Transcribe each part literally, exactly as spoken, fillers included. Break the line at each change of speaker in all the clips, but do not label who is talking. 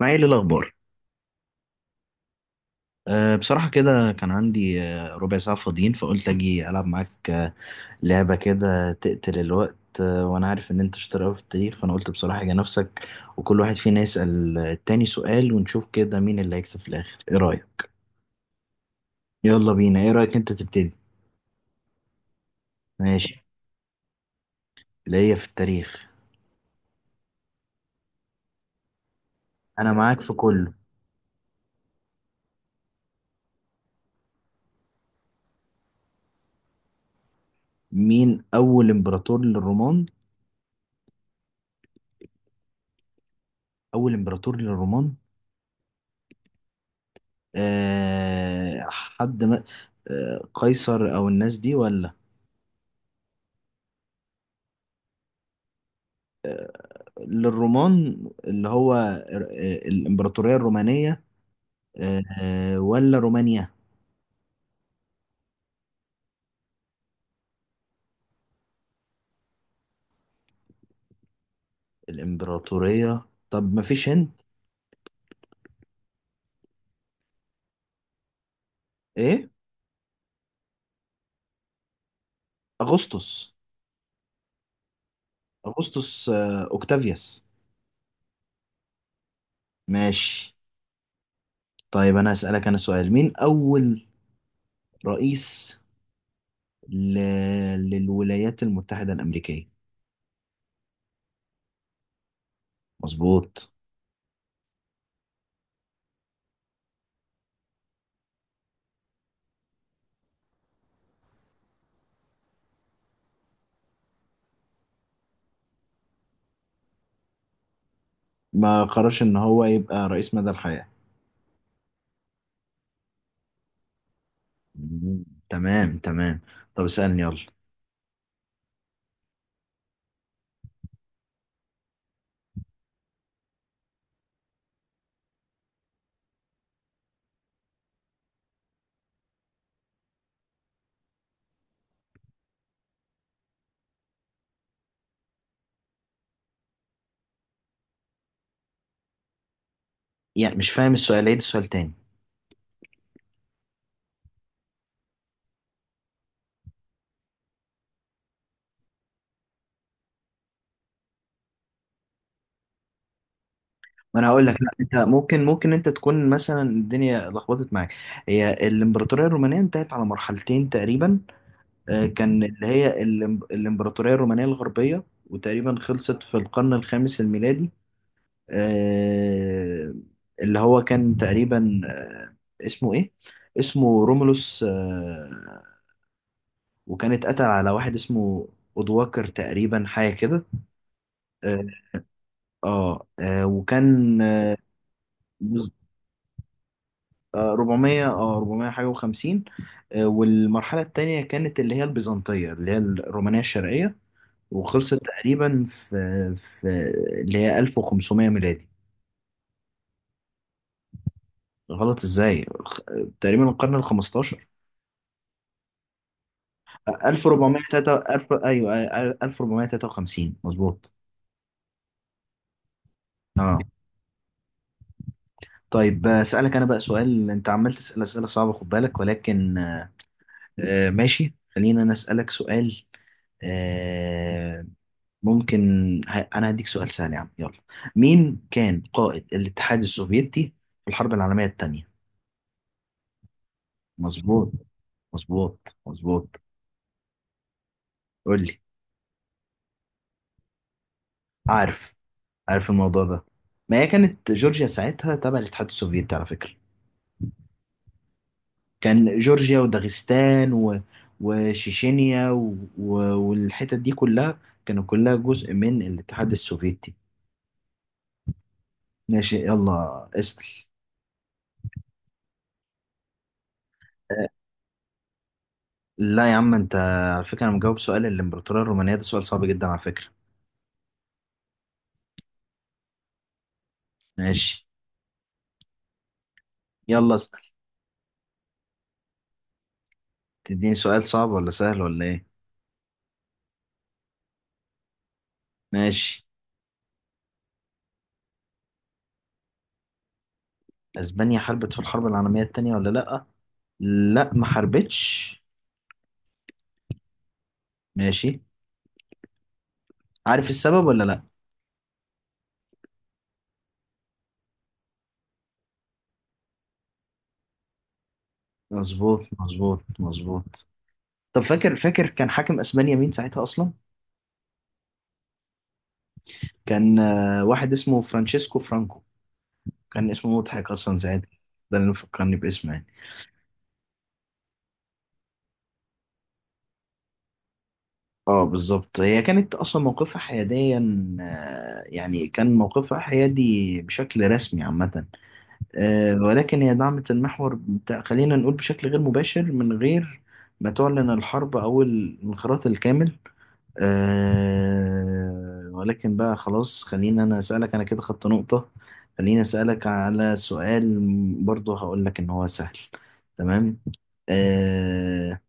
معايا ايه الاخبار؟ أه بصراحه كده كان عندي، آه، ربع ساعه فاضيين، فقلت اجي العب معاك، آه، لعبه كده تقتل الوقت. أه وانا عارف ان انت شاطر قوي في التاريخ، فانا قلت بصراحه يا نفسك، وكل واحد فينا يسال آه، التاني سؤال، ونشوف كده مين اللي هيكسب في الاخر. ايه رايك؟ يلا بينا. ايه رايك انت تبتدي؟ ماشي. ليا في التاريخ. انا معاك في كله. مين اول امبراطور للرومان؟ اول امبراطور للرومان. أه حد ما. أه قيصر او الناس دي ولا؟ للرومان اللي هو ال- الإمبراطورية الرومانية. آه، آه، ولا رومانيا؟ الإمبراطورية. طب ما فيش هند. إيه. أغسطس. أغسطس، آه، أوكتافيوس. ماشي. طيب أنا أسألك أنا سؤال. مين أول رئيس ل... للولايات المتحدة الأمريكية؟ مظبوط. ما قررش إن هو يبقى رئيس مدى الحياة. مم. تمام تمام. طب اسألني يلا. يعني مش فاهم السؤال، عيد السؤال تاني. ما انا هقول لك، لا انت ممكن ممكن انت تكون مثلا الدنيا لخبطت معاك. هي الامبراطوريه الرومانيه انتهت على مرحلتين تقريبا. آه، كان اللي هي الإم- الامبراطوريه الرومانيه الغربيه، وتقريبا خلصت في القرن الخامس الميلادي. آه، اللي هو كان تقريبا، آه، اسمه ايه. اسمه رومولوس، آه، وكان اتقتل على واحد اسمه اودواكر تقريبا، حاجه كده. اه. آه، آه، وكان آه، اربعمية، اه اربعمية حاجة و50. والمرحلة التانية كانت اللي هي البيزنطية، اللي هي الرومانية الشرقية، وخلصت تقريبا في في اللي هي ألف وخمسمية ميلادي. غلط ازاي الخ- تقريبا القرن ال خمستاشر. ألف واربعمية وتلاتة، ألف، ايوه، آه، ألف واربعمية وتلاتة وخمسين. مظبوط. اه. طيب آه، اسالك انا بقى سؤال. انت عمال تسال اسئله صعبه خد بالك، ولكن آه، آه، ماشي، خلينا انا اسالك سؤال. آه، ممكن. ه- انا هديك سؤال سهل يا عم، يلا. مين كان قائد الاتحاد السوفيتي في الحرب العالمية التانية؟ مظبوط مظبوط مظبوط. قول لي. عارف. عارف الموضوع ده. ما هي كانت جورجيا ساعتها تبع الاتحاد السوفيتي على فكرة. كان جورجيا وداغستان و... وشيشينيا و... و... والحتت دي كلها كانوا كلها جزء من الاتحاد السوفيتي. ماشي يلا اسأل. لا يا عم، انت على فكرة انا مجاوب، سؤال الامبراطورية الرومانية ده سؤال صعب جدا على فكرة. ماشي. يلا اسأل. تديني سؤال صعب ولا سهل ولا ايه؟ ماشي. اسبانيا حاربت في الحرب العالمية التانية ولا لأ؟ لأ، ما حاربتش. ماشي. عارف السبب ولا لأ؟ مظبوط مظبوط مظبوط. طب فاكر فاكر كان حاكم اسبانيا مين ساعتها اصلا؟ كان آه، واحد اسمه فرانشيسكو فرانكو. كان اسمه مضحك اصلا ساعتها، ده اللي فكرني باسمه يعني. اه بالظبط. هي كانت اصلا موقفها حياديا، آه، يعني كان موقفها حيادي بشكل رسمي عامة، آه، ولكن هي دعمت المحور بتاع، خلينا نقول بشكل غير مباشر من غير ما تعلن الحرب أو الانخراط الكامل. آه، ولكن بقى خلاص، خليني أنا أسألك. أنا كده خدت نقطة. خليني أسألك على سؤال. برضه هقول لك إن هو سهل، تمام. آه،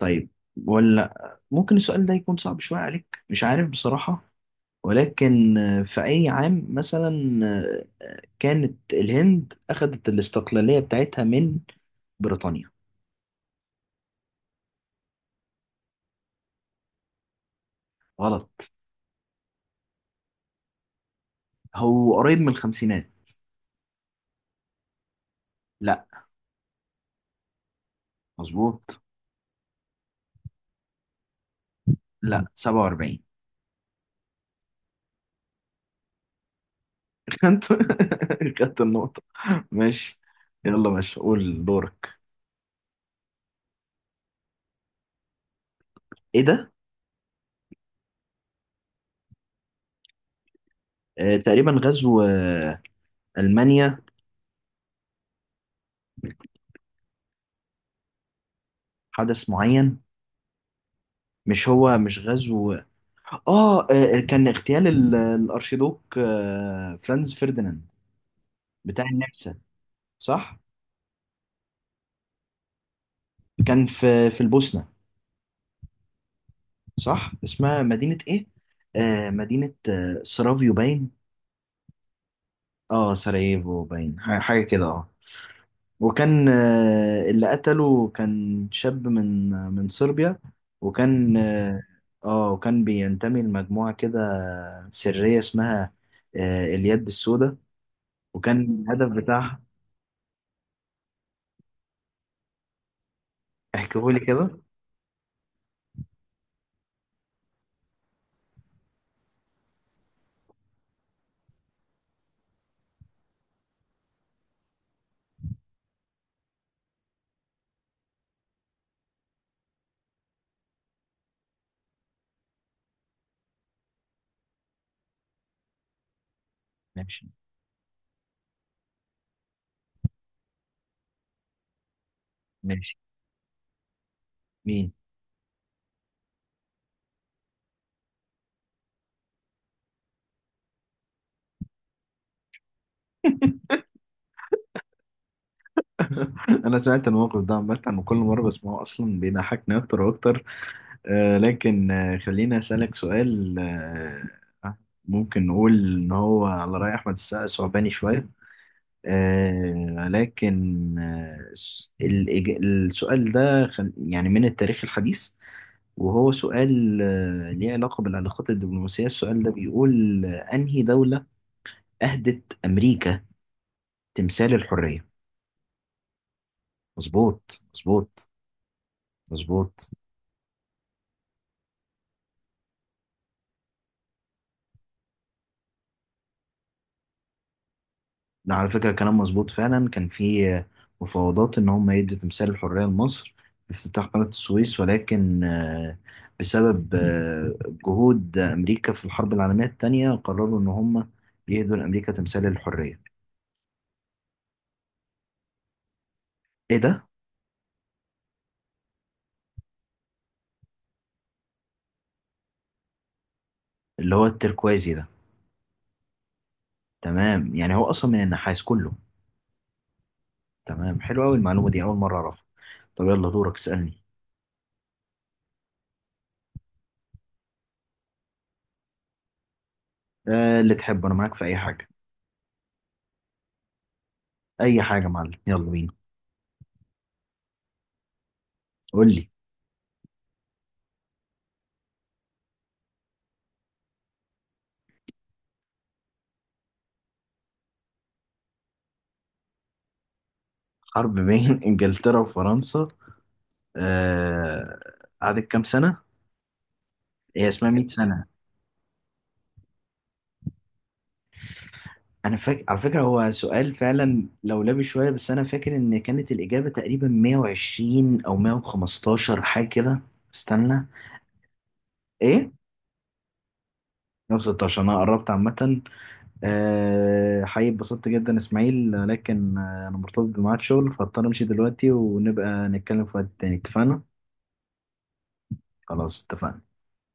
طيب، ولا ممكن السؤال ده يكون صعب شوية عليك، مش عارف بصراحة. ولكن آه، في أي عام مثلا كانت الهند أخذت الاستقلالية بتاعتها من بريطانيا؟ غلط. هو قريب من الخمسينات. لا. مظبوط. لا، سبعة واربعين. خدت خدت النقطة. ماشي. يلا ماشي قول دورك. ايه ده؟ آه تقريبا غزو، آه ألمانيا. حدث معين. مش هو مش غزو. اه، آه، كان اغتيال ال- الارشيدوك آه فرانز فرديناند بتاع النمسا. صح. كان في في البوسنة. صح. اسمها مدينة ايه؟ آه مدينة آه سرافيو باين. اه سراييفو باين ح- حاجة كده. اه وكان آه اللي قتله كان شاب من من صربيا. وكان اه، آه، وكان بينتمي لمجموعة كده سرية، اسمها آه اليد السوداء. وكان الهدف بتاعها. احكيهولي كده. ماشي. ماشي. مين؟ انا سمعت الموقف ده عامة، وكل مرة بسمعه اصلا بيضحكني اكتر واكتر. آه، لكن آه، خليني أسألك سؤال. آه، ممكن نقول إن هو على رأي أحمد السقا ثعباني شوية. آه، لكن آه، الس- الإج- السؤال ده خل- يعني من التاريخ الحديث. وهو سؤال آه، ليه علاقة بالعلاقات الدبلوماسية. السؤال ده بيقول: آه، أنهي دولة أهدت أمريكا تمثال الحرية؟ مظبوط مظبوط مظبوط. ده على فكرة كلام مظبوط فعلا. كان في مفاوضات إن هم يدوا تمثال الحرية لمصر في افتتاح قناة السويس، ولكن آه، بسبب آه، جهود أمريكا في الحرب العالمية التانية، قرروا إن هم يهدوا لأمريكا تمثال الحرية. إيه ده؟ اللي هو التركوازي ده. تمام، يعني هو أصلا من النحاس كله. تمام. حلو أوي المعلومة دي، أول مرة أعرفها. طب يلا دورك اسألني. آه، اللي تحبه أنا معاك في أي حاجة. أي حاجة يا معلم، يلا بينا. قول لي. حرب بين إنجلترا وفرنسا، آه، قعدت كام سنة؟ هي اسمها مية سنة. أنا فاكر على فكرة هو سؤال فعلا لولبي شوية، بس أنا فاكر إن كانت الإجابة تقريبا مية وعشرين أو مية وخمستاشر حاجة كده. استنى. إيه؟ مئة وستة عشر. أنا قربت عامة. آه، حقيقي اتبسطت جدا إسماعيل، لكن آه، أنا مرتبط بميعاد شغل، فاضطر أمشي دلوقتي، ونبقى نتكلم في وقت تاني، اتفقنا؟ خلاص اتفقنا.